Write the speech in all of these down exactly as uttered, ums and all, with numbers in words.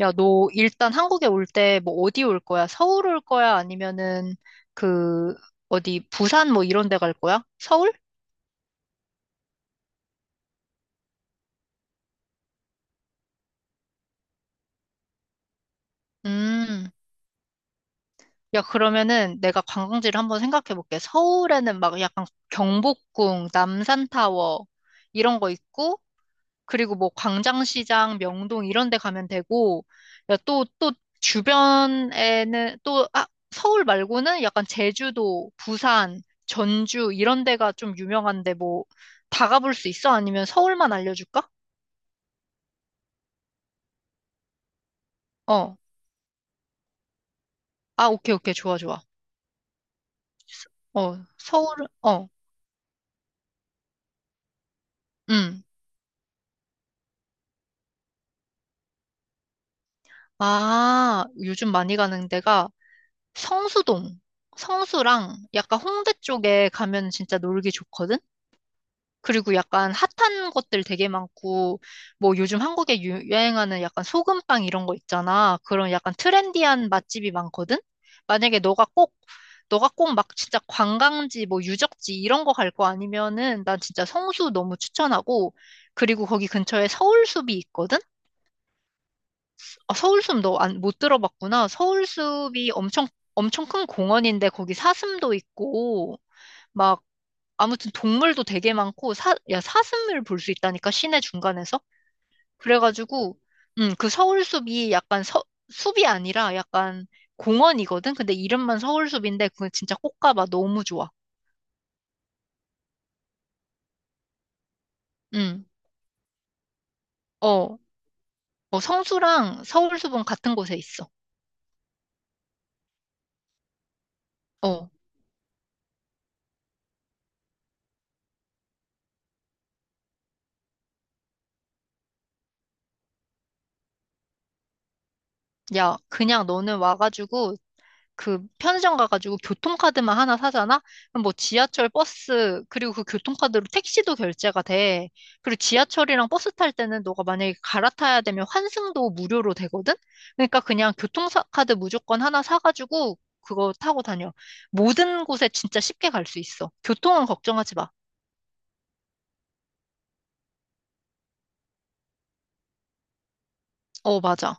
야, 너 일단 한국에 올 때 뭐 어디 올 거야? 서울 올 거야? 아니면은 그 어디 부산 뭐 이런 데 갈 거야? 서울? 음. 야, 그러면은 내가 관광지를 한번 생각해 볼게. 서울에는 막 약간 경복궁, 남산타워 이런 거 있고, 그리고 뭐 광장시장, 명동 이런 데 가면 되고, 야, 또, 또 주변에는 또, 아, 서울 말고는 약간 제주도, 부산, 전주 이런 데가 좀 유명한데 뭐 다 가볼 수 있어? 아니면 서울만 알려줄까? 어. 아, 오케이, 오케이. 좋아, 좋아. 어, 서울, 어, 음. 아, 요즘 많이 가는 데가 성수동, 성수랑 약간 홍대 쪽에 가면 진짜 놀기 좋거든? 그리고 약간 핫한 것들 되게 많고, 뭐 요즘 한국에 유행하는 약간 소금빵 이런 거 있잖아. 그런 약간 트렌디한 맛집이 많거든? 만약에 너가 꼭, 너가 꼭 막 진짜 관광지, 뭐 유적지 이런 거 갈 거 아니면은 난 진짜 성수 너무 추천하고, 그리고 거기 근처에 서울숲이 있거든? 아, 서울숲 너 안, 못 들어봤구나. 서울숲이 엄청, 엄청 큰 공원인데 거기 사슴도 있고, 막 아무튼 동물도 되게 많고 사, 야, 사슴을 볼 수 있다니까 시내 중간에서. 그래가지고 음, 그 서울숲이 약간 서, 숲이 아니라 약간 공원이거든. 근데 이름만 서울숲인데 그건 진짜 꼭 가봐. 너무 좋아. 음. 어. 어, 성수랑 서울숲은 같은 곳에 있어. 어. 야, 그냥 너는 와가지고 그 편의점 가가지고 교통카드만 하나 사잖아? 그럼 뭐 지하철, 버스, 그리고 그 교통카드로 택시도 결제가 돼. 그리고 지하철이랑 버스 탈 때는 너가 만약에 갈아타야 되면 환승도 무료로 되거든? 그러니까 그냥 교통카드 무조건 하나 사가지고 그거 타고 다녀. 모든 곳에 진짜 쉽게 갈 수 있어. 교통은 걱정하지 마. 어, 맞아.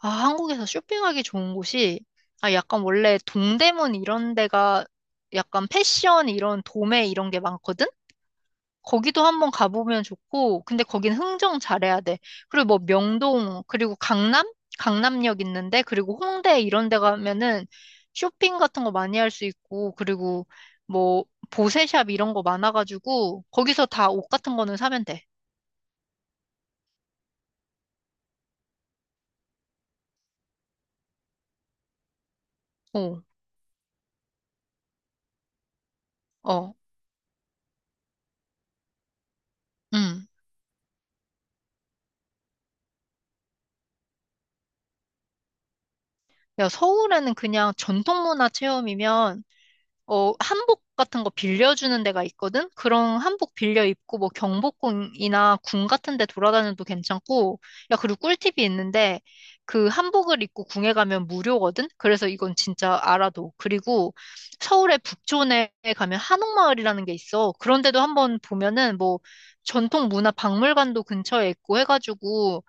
아, 한국에서 쇼핑하기 좋은 곳이, 아, 약간 원래 동대문 이런 데가 약간 패션 이런 도매 이런 게 많거든? 거기도 한번 가보면 좋고, 근데 거긴 흥정 잘해야 돼. 그리고 뭐 명동, 그리고 강남? 강남역 있는데, 그리고 홍대 이런 데 가면은 쇼핑 같은 거 많이 할 수 있고, 그리고 뭐 보세샵 이런 거 많아가지고, 거기서 다 옷 같은 거는 사면 돼. 어, 어, 음. 야, 서울에는 그냥 전통 문화 체험이면 어, 한복 같은 거 빌려주는 데가 있거든? 그런 한복 빌려 입고 뭐 경복궁이나 궁 같은 데 돌아다녀도 괜찮고, 야, 그리고 꿀팁이 있는데, 그 한복을 입고 궁에 가면 무료거든? 그래서 이건 진짜 알아둬. 그리고 서울의 북촌에 가면 한옥마을이라는 게 있어. 그런데도 한번 보면은 뭐 전통 문화 박물관도 근처에 있고 해가지고,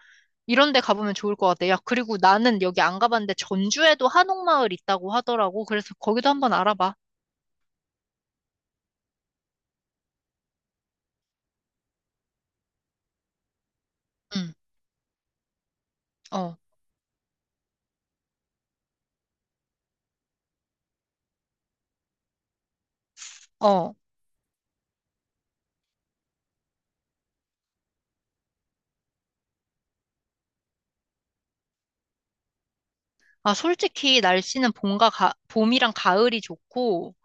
이런 데 가보면 좋을 것 같아. 야, 그리고 나는 여기 안 가봤는데 전주에도 한옥마을 있다고 하더라고. 그래서 거기도 한번 알아봐. 응. 어, 어. 아, 솔직히 날씨는 봄과 가, 봄이랑 가을이 좋고,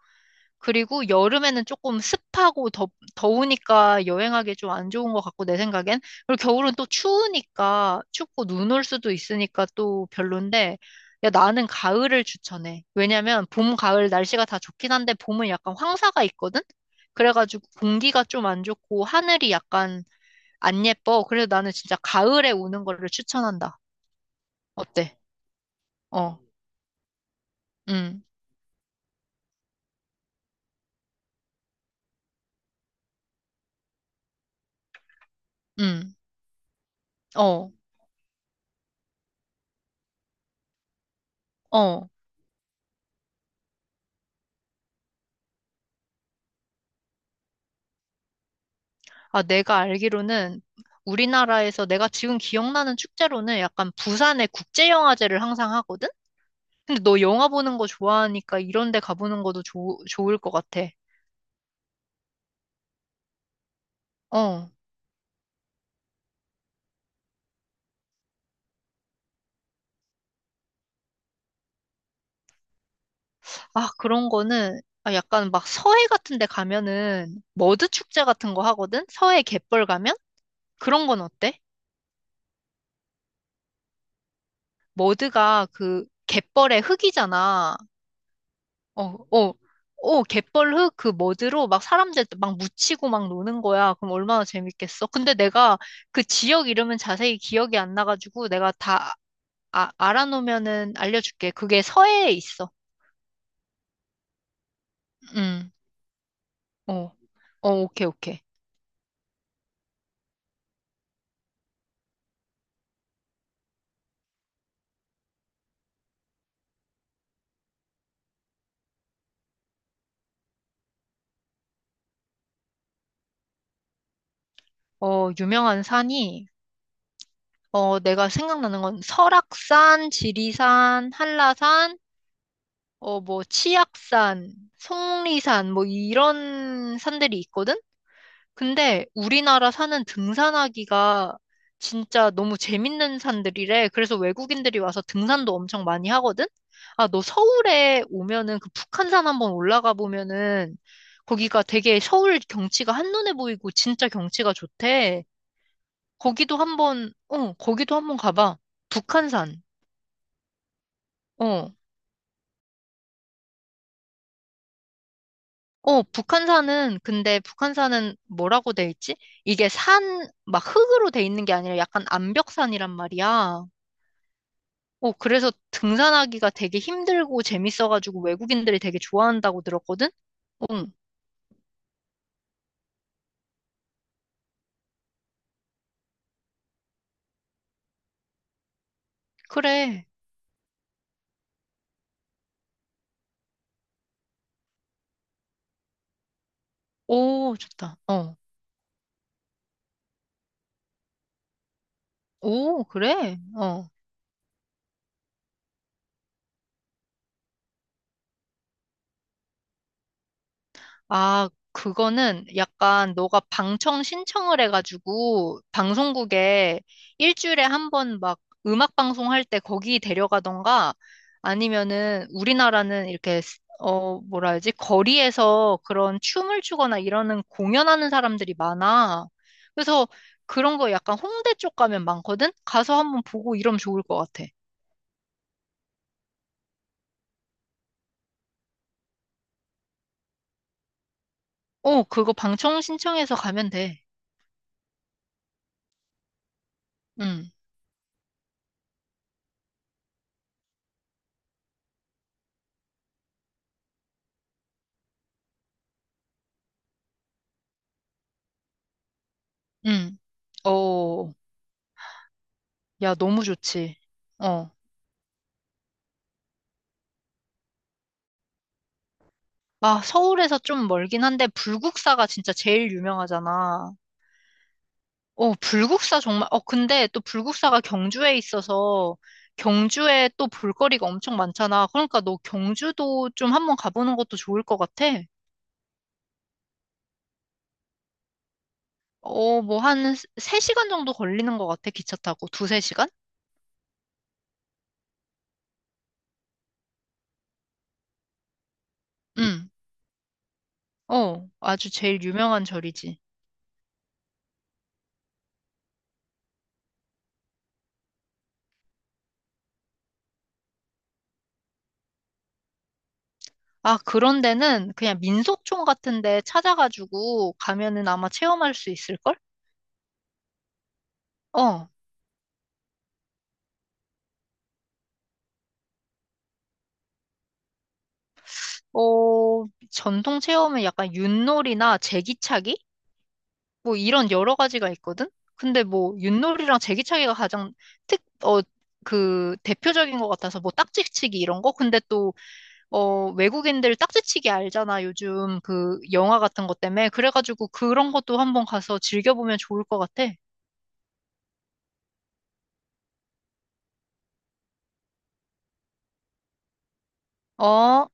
그리고 여름에는 조금 습하고 더, 더우니까 여행하기 좀 안 좋은 것 같고, 내 생각엔. 그리고 겨울은 또 추우니까, 춥고 눈 올 수도 있으니까 또 별론데, 야, 나는 가을을 추천해. 왜냐면 봄, 가을 날씨가 다 좋긴 한데, 봄은 약간 황사가 있거든? 그래가지고 공기가 좀 안 좋고, 하늘이 약간 안 예뻐. 그래서 나는 진짜 가을에 오는 거를 추천한다. 어때? 어, 음 음, 어, 어. 아, 내가 알기로는 우리나라에서 내가 지금 기억나는 축제로는 약간 부산의 국제영화제를 항상 하거든? 근데 너 영화 보는 거 좋아하니까 이런 데 가보는 것도 좋 좋을 것 같아. 어. 아, 그런 거는 아, 약간 막 서해 같은 데 가면은 머드 축제 같은 거 하거든? 서해 갯벌 가면? 그런 건 어때? 머드가 그 갯벌의 흙이잖아. 어, 어, 어, 갯벌 흙 그 머드로 막 사람들 막 묻히고 막 노는 거야. 그럼 얼마나 재밌겠어. 근데 내가 그 지역 이름은 자세히 기억이 안 나가지고 내가 다 아, 알아놓으면은 알려줄게. 그게 서해에 있어. 응, 어, 어, 오케이, 오케이. 어, 유명한 산이, 어, 내가 생각나는 건 설악산, 지리산, 한라산, 어, 뭐, 치악산, 속리산, 뭐, 이런 산들이 있거든? 근데 우리나라 산은 등산하기가 진짜 너무 재밌는 산들이래. 그래서 외국인들이 와서 등산도 엄청 많이 하거든? 아, 너 서울에 오면은 그 북한산 한번 올라가 보면은 거기가 되게 서울 경치가 한눈에 보이고 진짜 경치가 좋대. 거기도 한번, 어, 거기도 한번 가봐. 북한산. 어. 어, 북한산은, 근데 북한산은 뭐라고 돼 있지? 이게 산, 막 흙으로 돼 있는 게 아니라 약간 암벽산이란 말이야. 어, 그래서 등산하기가 되게 힘들고 재밌어가지고 외국인들이 되게 좋아한다고 들었거든? 응, 그래. 오, 좋다. 어. 오, 그래? 어. 아, 그거는 약간 너가 방청 신청을 해가지고 방송국에 일주일에 한 번 막 음악 방송할 때 거기 데려가던가 아니면은 우리나라는 이렇게 스- 어, 뭐라 해야지? 거리에서 그런 춤을 추거나 이러는 공연하는 사람들이 많아. 그래서 그런 거 약간 홍대 쪽 가면 많거든? 가서 한번 보고 이러면 좋을 것 같아. 어, 그거 방청 신청해서 가면 돼. 응, 응. 어. 야, 너무 좋지. 어. 아, 서울에서 좀 멀긴 한데, 불국사가 진짜 제일 유명하잖아. 어, 불국사 정말, 어, 근데 또 불국사가 경주에 있어서, 경주에 또 볼거리가 엄청 많잖아. 그러니까 너 경주도 좀 한번 가보는 것도 좋을 것 같아. 어, 뭐 한 세 시간 정도 걸리는 것 같아, 기차 타고. 두세 시간? 응. 어, 아주 제일 유명한 절이지. 아, 그런 데는 그냥 민속촌 같은 데 찾아가지고 가면은 아마 체험할 수 있을걸? 어. 어, 전통 체험은 약간 윷놀이나 제기차기? 뭐 이런 여러 가지가 있거든? 근데 뭐 윷놀이랑 제기차기가 가장 특, 어, 그 대표적인 것 같아서 뭐 딱지치기 이런 거? 근데 또, 어, 외국인들 딱지치기 알잖아. 요즘 그 영화 같은 것 때문에. 그래가지고 그런 것도 한번 가서 즐겨보면 좋을 것 같아. 어?